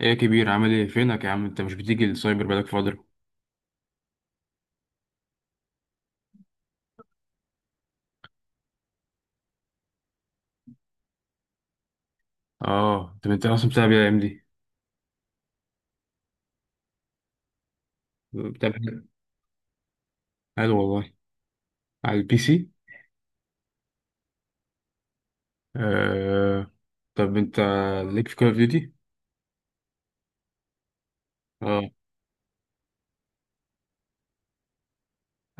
ايه يا كبير؟ عامل ايه؟ فينك يا عم؟ انت مش بتيجي السايبر بقالك فترة. اه، طب انت اصلا بتلعب ايه الايام دي؟ بتلعب إيه؟ حلو والله. على البي سي. آه. طب انت ليك في كول اوف ديوتي؟ اه.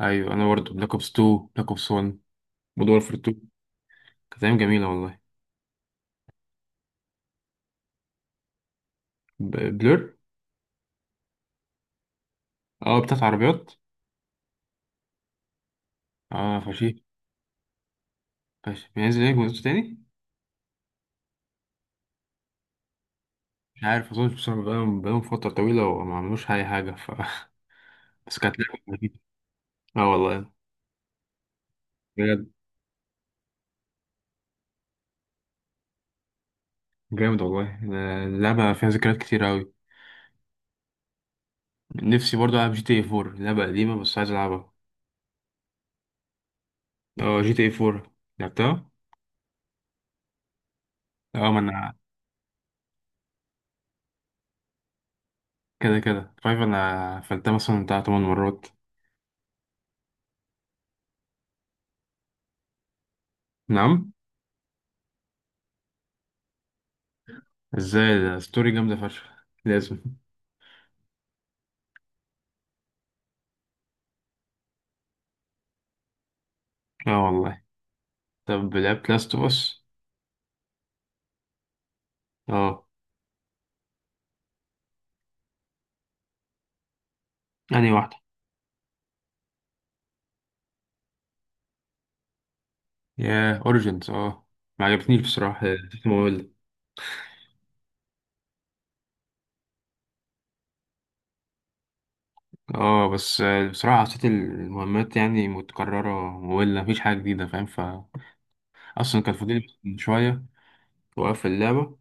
ايوه، انا برضه بلاك اوبس 2، بلاك اوبس 1، مود وورفير 2. كانت ايام جميلة والله. بلور. اه، بتاعت عربيات. اه، فشيخ. فشيخ. بينزل ايه جزء تاني؟ مش عارف، اظن بصراحة بقالهم فترة طويلة وما عملوش اي حاجة ف بس كانت لعبة لذيذة. اه والله. جامد والله. أنا اللعبة فيها ذكريات كتير أوي. نفسي برضه ألعب جي تي اي فور. لعبة قديمة بس عايز ألعبها. اه، جي تي اي فور. لعبتها؟ اه ما أنا. كده كده فايف، أنا فلتها مثلا بتاع 8 مرات. نعم؟ ازاي؟ ده ستوري جامدة فشخ. لازم. اه والله. طب لعبت لاست اوف اس؟ اه. أنهي واحدة؟ ياه، أوريجينز. اه. ما عجبتنيش بصراحة، نسيت مملة. اه بس بصراحة حسيت المهمات يعني متكررة. مملة، مفيش حاجة جديدة، فاهم؟ ف أصلا كان فاضل شوية وقفل اللعبة.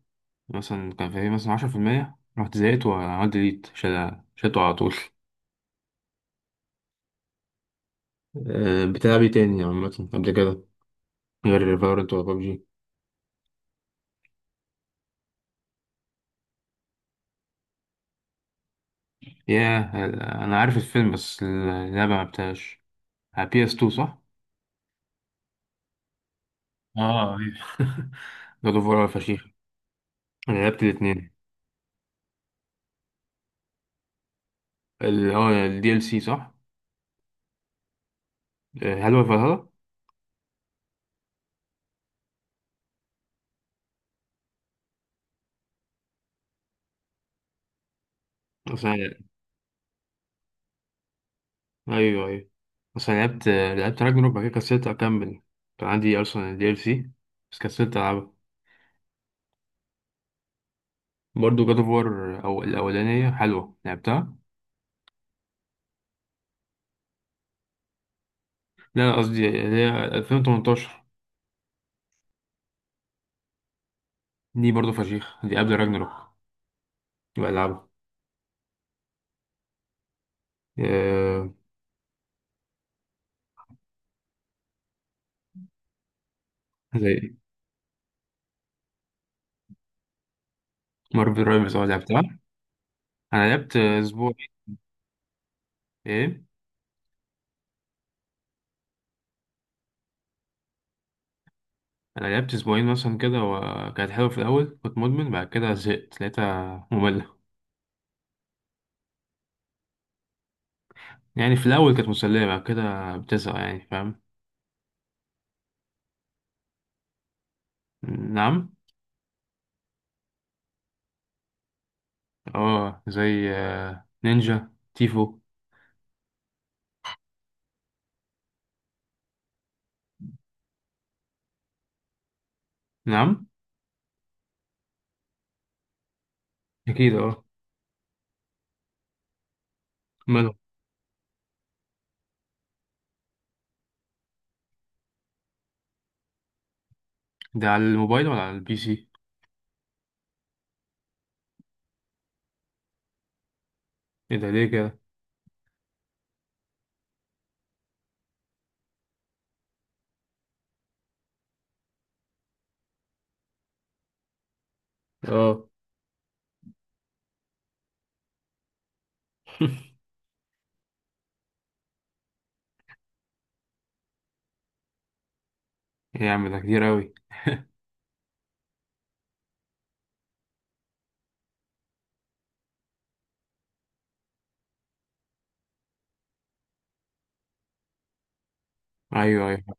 مثلا كان فيه مثلا 10%، رحت زهقت وعملت ديليت، شلته على طول. أه، بتلعبي تاني عامة قبل كده؟ غير فالورنت ولا ببجي؟ ياه. أنا عارف الفيلم بس اللعبة ملعبتهاش. على بي اس 2 صح؟ اه، أيوة. جاد اوف وار فشيخ. أنا لعبت الاتنين. ال اه الدي ال سي صح؟ هل هو فالهالا؟ بس أنا. أيوه، أيوه. بس أنا لعبت راجنروك، بعد كده كسلت أكمل. كان عندي أصلا الدي ال سي. بس كسلت ألعبها. برضه جاد اوف وار، او الاولانيه حلوه لعبتها. لا لا، قصدي اللي هي 2018. دي برضه فشيخ، دي قبل راجناروك. بلعبها. آه. زي مارفل رايفلز، اه لعبتها. انا لعبت اسبوع. ايه؟ انا لعبت اسبوعين مثلا كده، وكانت حلوه. في الاول كنت مدمن، بعد كده زهقت لقيتها ممله. يعني في الاول كانت مسليه، بعد كده بتزهق، يعني فاهم. نعم. اه، زي نينجا تيفو. نعم. اكيد اه. ماله. ده على الموبايل ولا على البي سي؟ ايه ده؟ ليه كده؟ اه. ايه يا عم، ده كتير قوي. ايوه، ايوه،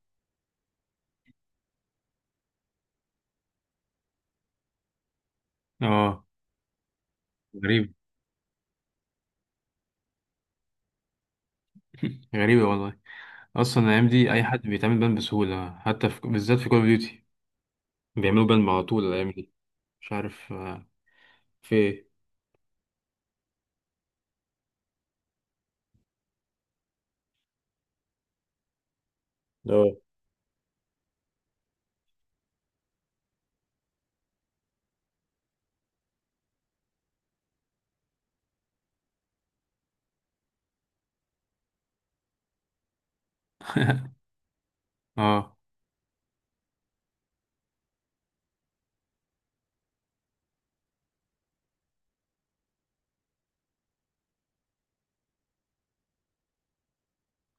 اه. غريب. غريبة والله. اصلا الايام دي اي حد بيتعمل بان بسهولة، حتى بالذات في كول اوف ديوتي. بيعملوا بان على طول الايام دي. مش عارف، في ايه. اه، اه،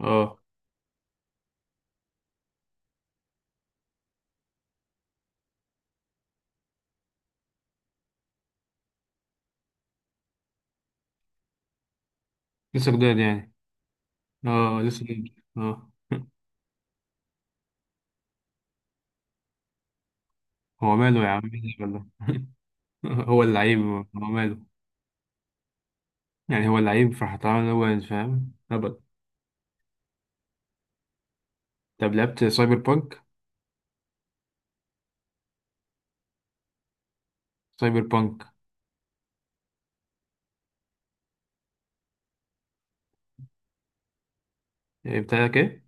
اه، لسه جداد يعني. اه لسه جداد اه. هو ماله يا عم؟ مين ولا؟ هو اللعيب هو ماله؟ يعني هو اللعيب فهتعامل، هو فاهم هبل. طب لعبت سايبر بانك؟ سايبر بانك. إيه بتاعك ايه؟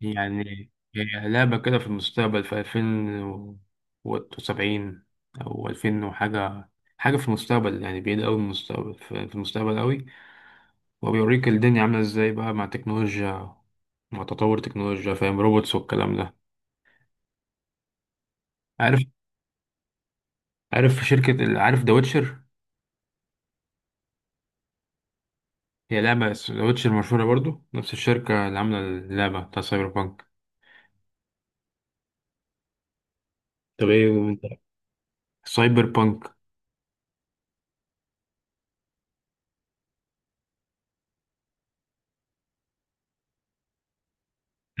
يعني هي لعبة كده في المستقبل، في 2070، أو ألفين وحاجة، حاجة في المستقبل، يعني بعيد أوي من المستقبل، في المستقبل أوي. وبيوريك الدنيا عاملة إزاي بقى مع التكنولوجيا، مع تطور التكنولوجيا، فاهم؟ روبوتس والكلام ده. عارف. عارف ذا ويتشر. هي لعبة ذا ويتشر مشهورة برضو، نفس الشركة اللي عاملة اللعبة بتاع سايبر بانك. طب ايه انت. سايبر بانك.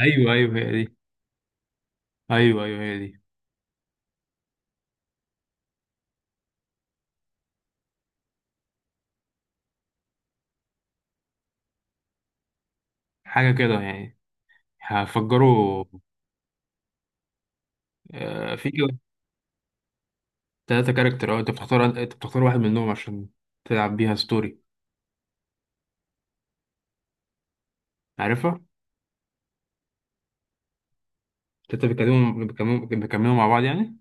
ايوه، ايوه، هي دي. ايوه، ايوه، هي دي. حاجة كده يعني. هفجروا. في 3 كاركتر، اه انت بتختار واحد منهم عشان تلعب بيها ستوري. عارفها؟ انت بيكلموا بيكلموا بيكملوا مع بعض يعني؟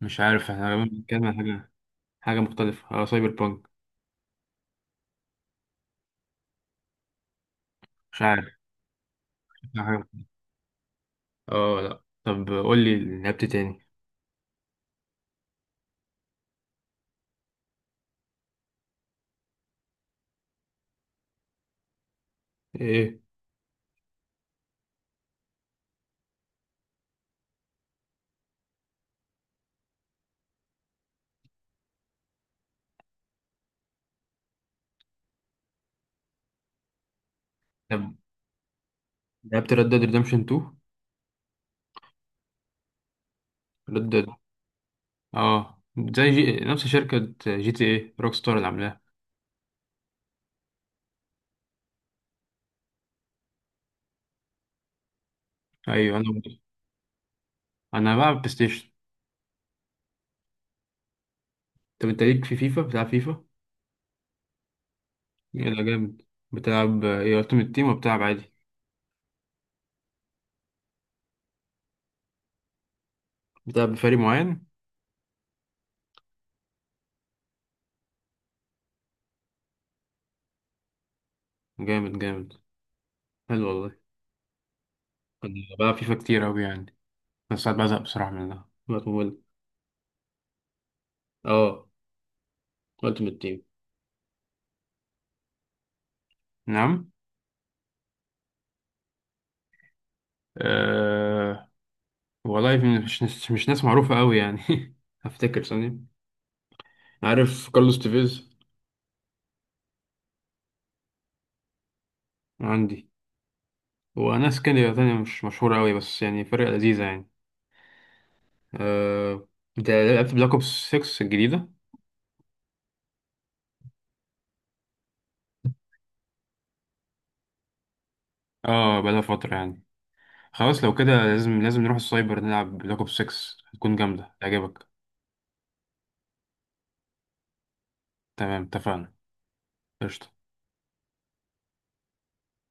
مش عارف، احنا غالبا بنتكلم عن حاجة، حاجة مختلفة. اه سايبر بانك. مش عارف. حاجة- اه لا، طب قول لي لعبت تاني. ايه؟ طب لعبت ريد ديد ريدمشن 2؟ ريد ديد. اه، زي نفس شركة جي تي ايه روك ستار اللي عاملاها. ايوه، انا. انا بلعب بلاي ستيشن. طب انت ليك في فيفا؟ بتلعب فيفا؟ يلا جامد. بتلعب ايه، التيم تيم وبتلعب عادي؟ بتلعب بفريق معين؟ جامد، جامد. حلو والله. كنت بلعب فيفا كتير أوي يعني، بس ساعات بزهق بصراحة منها مطول. اه، التيمت تيم. نعم. أه... والله، مش ناس معروفة أوي يعني. هفتكر ثانية. عارف كارلوس تيفيز؟ عندي. وناس كده تانية مش مشهورة أوي، بس يعني فرقة لذيذة يعني. أه... أنت لعبت بلاك أوبس 6 الجديدة؟ اه، بقالها فترة يعني. خلاص لو كده، لازم لازم نروح السايبر نلعب بلاك أوبس 6. هتكون جامدة تعجبك. تمام، اتفقنا. قشطة.